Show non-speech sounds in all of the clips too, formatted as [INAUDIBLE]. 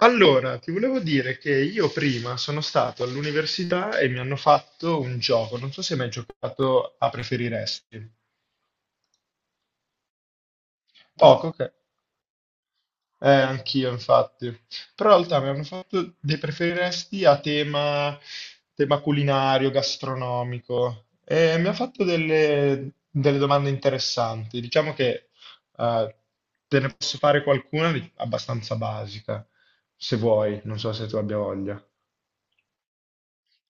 Allora, ti volevo dire che io prima sono stato all'università e mi hanno fatto un gioco. Non so se hai mai giocato a preferiresti. No, poco, ok. Anch'io, infatti. Però in realtà mi hanno fatto dei preferiresti a tema, tema culinario, gastronomico. E mi ha fatto delle domande interessanti. Diciamo che eh, te ne posso fare abbastanza basica, se vuoi. Non so se tu abbia voglia.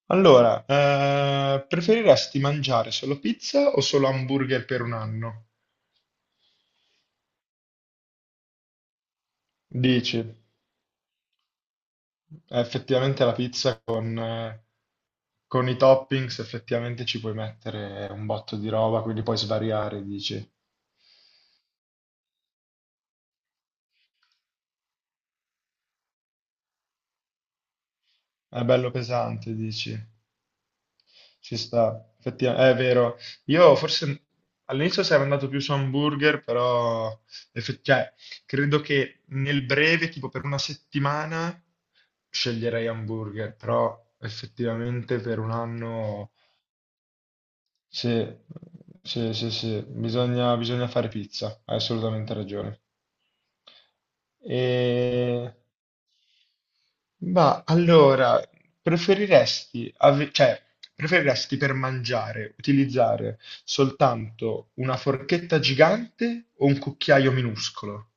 Allora, preferiresti mangiare solo pizza o solo hamburger per un anno? Dici, effettivamente la pizza con i toppings effettivamente ci puoi mettere un botto di roba, quindi puoi svariare, dici. È bello pesante, dici. Ci sta, effettivamente, è vero. Io forse all'inizio sarei andato più su hamburger, però effe- cioè, credo che nel breve, tipo per una settimana, sceglierei hamburger, però effettivamente per un anno sì, sì, bisogna, bisogna fare pizza, hai assolutamente ragione. E... Ma allora, preferiresti, ave- cioè, preferiresti per mangiare utilizzare soltanto una forchetta gigante o un cucchiaio minuscolo?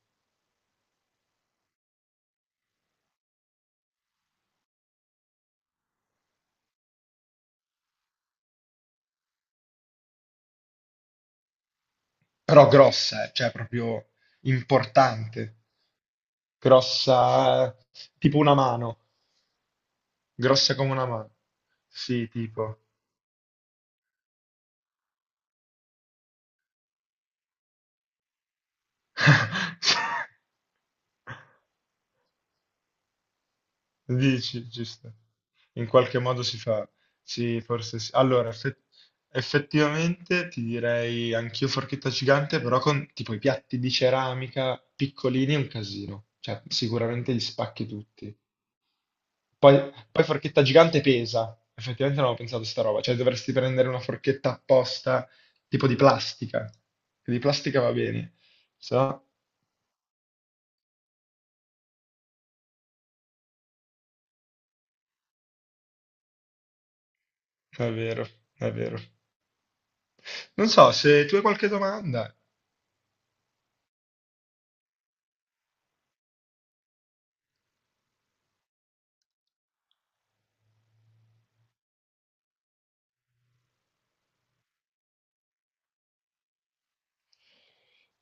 Però grossa, cioè proprio importante, grossa, tipo una mano, grossa come una mano. Sì, tipo. [LAUGHS] Dici, giusto. In qualche modo si fa. Sì, forse sì. Allora, effettivamente ti direi anch'io forchetta gigante, però con tipo i piatti di ceramica piccolini è un casino. Cioè, sicuramente li spacchi tutti. Poi forchetta gigante pesa. Effettivamente non avevo pensato a sta roba. Cioè, dovresti prendere una forchetta apposta, tipo di plastica. Che Di plastica va bene. So, è vero, è vero. Non so, se tu hai qualche domanda.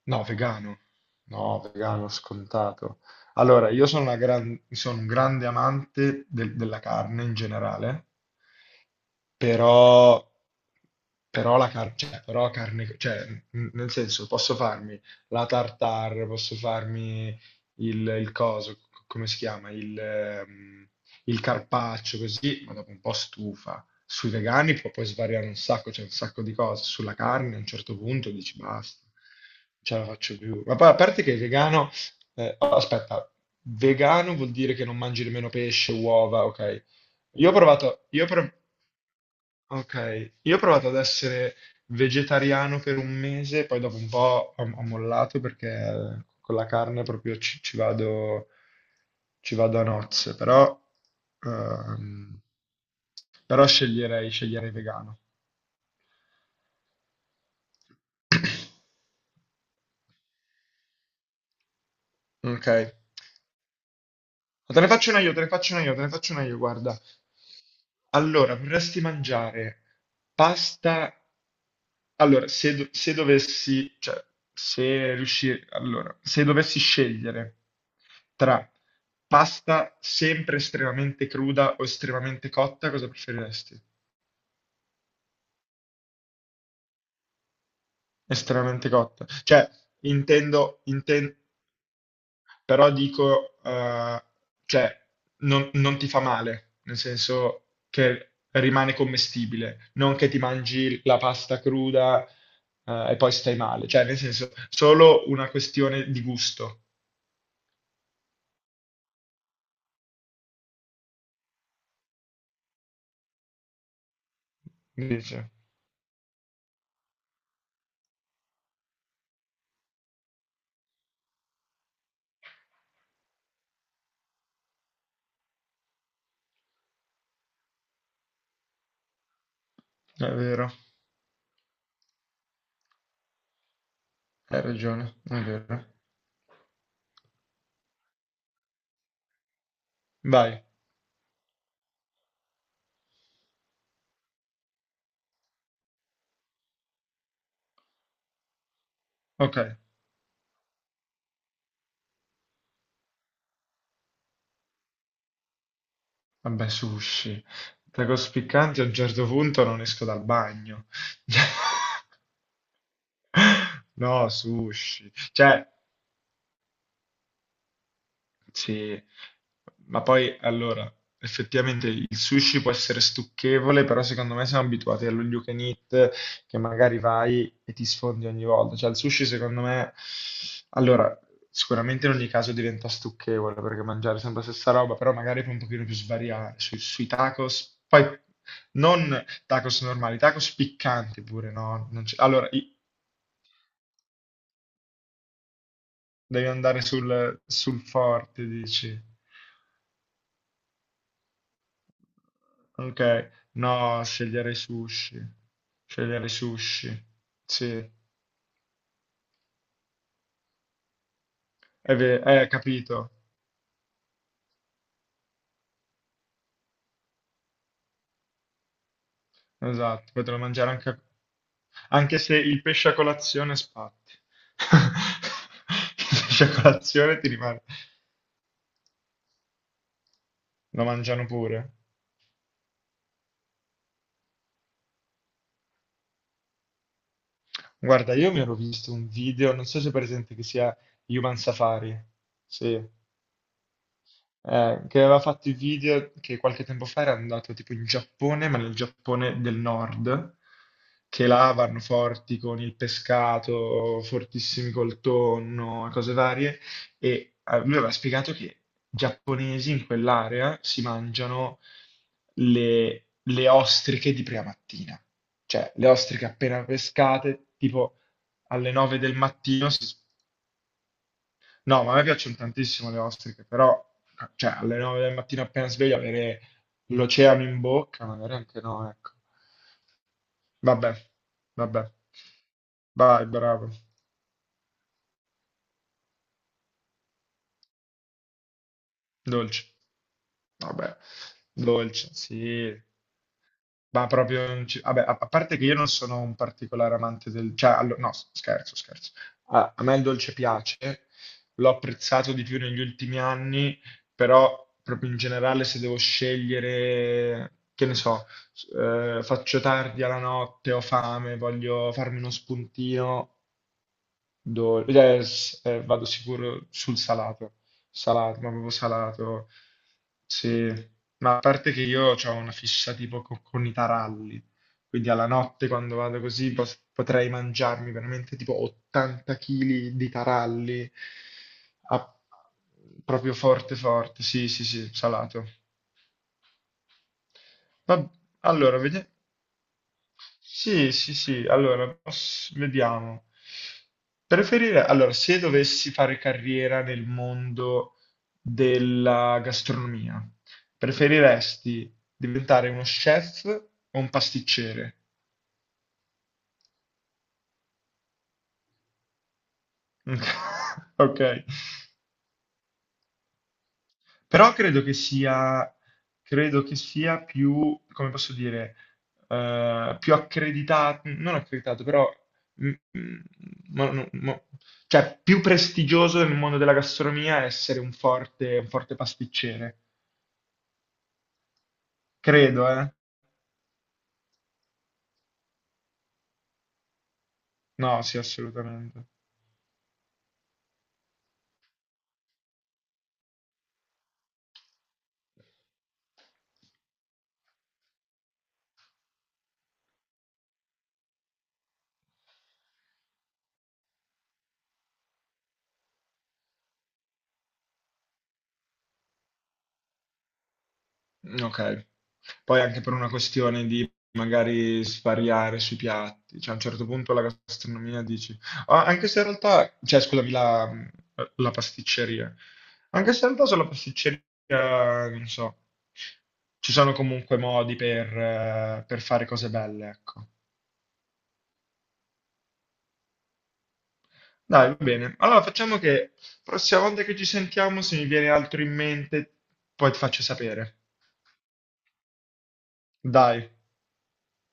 No, vegano. No, vegano, scontato. Allora, io sono, una gran- sono un grande amante della carne in generale, però, però, la car- cioè, però carne, cioè, n- nel senso, posso farmi la tartare, posso farmi il coso, c- come si chiama, il carpaccio, così, ma dopo un po' stufa. Sui vegani può poi svariare un sacco, c'è un sacco di cose. Sulla carne a un certo punto dici basta, non ce la faccio più. Ma poi a parte che vegano, oh, aspetta, vegano vuol dire che non mangi nemmeno pesce, uova, ok. Io ho provato, io ho prov- Ok, io ho provato ad essere vegetariano per un mese, poi dopo un po' ho, ho mollato perché con la carne proprio ci, ci vado a nozze, però, ehm, però sceglierei, sceglierei vegano. [CLEARS THROAT] Ok. Te ne faccio una io, te ne faccio una io, te ne faccio una io, guarda. Allora, vorresti mangiare pasta? Allora, se, do- se dovessi, cioè, se riusci- allora, se dovessi scegliere tra pasta sempre estremamente cruda o estremamente cotta, cosa preferiresti? Estremamente cotta. Cioè, intendo, però dico, cioè, non, non ti fa male, nel senso che rimane commestibile, non che ti mangi la pasta cruda, e poi stai male, cioè, nel senso, solo una questione di gusto. Dice. È vero, hai ragione, è vero. Vai, ok, vabbè, sushi. Tacos piccanti a un certo punto non esco dal bagno. [LAUGHS] No, sushi. Cioè, sì, ma poi allora, effettivamente il sushi può essere stucchevole, però secondo me siamo abituati allo you can eat che magari vai e ti sfondi ogni volta. Cioè il sushi secondo me, allora, sicuramente in ogni caso diventa stucchevole perché mangiare sempre la stessa roba, però magari puoi un pochino più svariare sui tacos, poi non tacos normali, tacos piccanti pure, no? Non c'è- allora, i- devi andare sul sul forte, dici. Ok, no, sceglierei sushi. Sceglierei sushi. Sì, è vero, capito. Esatto, potrò mangiare anche se il pesce a colazione spatti. [LAUGHS] Il pesce a colazione ti rimane, lo mangiano pure. Guarda, io mi ero visto un video, non so se è presente, che sia Human Safari. Sì. Che aveva fatto i video che qualche tempo fa era andato tipo in Giappone, ma nel Giappone del nord, che là vanno forti con il pescato, fortissimi col tonno, e cose varie, e lui aveva spiegato che i giapponesi in quell'area si mangiano le ostriche di prima mattina, cioè le ostriche appena pescate, tipo alle 9 del mattino si No, ma a me piacciono tantissimo le ostriche, però cioè, alle 9 del mattino appena sveglio avere l'oceano in bocca, magari anche no, ecco. Vabbè, vabbè. Vai, bravo. Dolce. Vabbè, dolce, sì. Ma proprio non ci- Vabbè, a a parte che io non sono un particolare amante del... Cioè, allo- no, scherzo, scherzo. A, a me il dolce piace, l'ho apprezzato di più negli ultimi anni, però proprio in generale se devo scegliere, che ne so, faccio tardi alla notte, ho fame, voglio farmi uno spuntino, vado sicuro sul salato, salato, ma proprio salato. Sì, ma a parte che io ho una fissa tipo con, i taralli, quindi alla notte quando vado così potrei mangiarmi veramente tipo 80 kg di taralli, a- proprio forte forte, sì sì sì, salato. Va- allora, vediamo. Sì, sì, sì, allora, vediamo. Allora, se dovessi fare carriera nel mondo della gastronomia, preferiresti diventare uno chef o un pasticcere? [LAUGHS] Ok, però credo che sia più, come posso dire, più accreditato, non accreditato, però mm, mm, mo- no- mo- più prestigioso nel mondo della gastronomia essere un forte pasticcere. Credo, eh? No, sì, assolutamente. Mm, ok. Poi anche per una questione di magari svariare sui piatti, cioè a un certo punto la gastronomia dici, ah, anche se in realtà, cioè scusami, la pasticceria, anche se in realtà sulla pasticceria, non so, ci sono comunque modi per fare cose belle, ecco. Dai, va bene. Allora facciamo che prossima volta che ci sentiamo, se mi viene altro in mente, poi ti faccio sapere. Dai.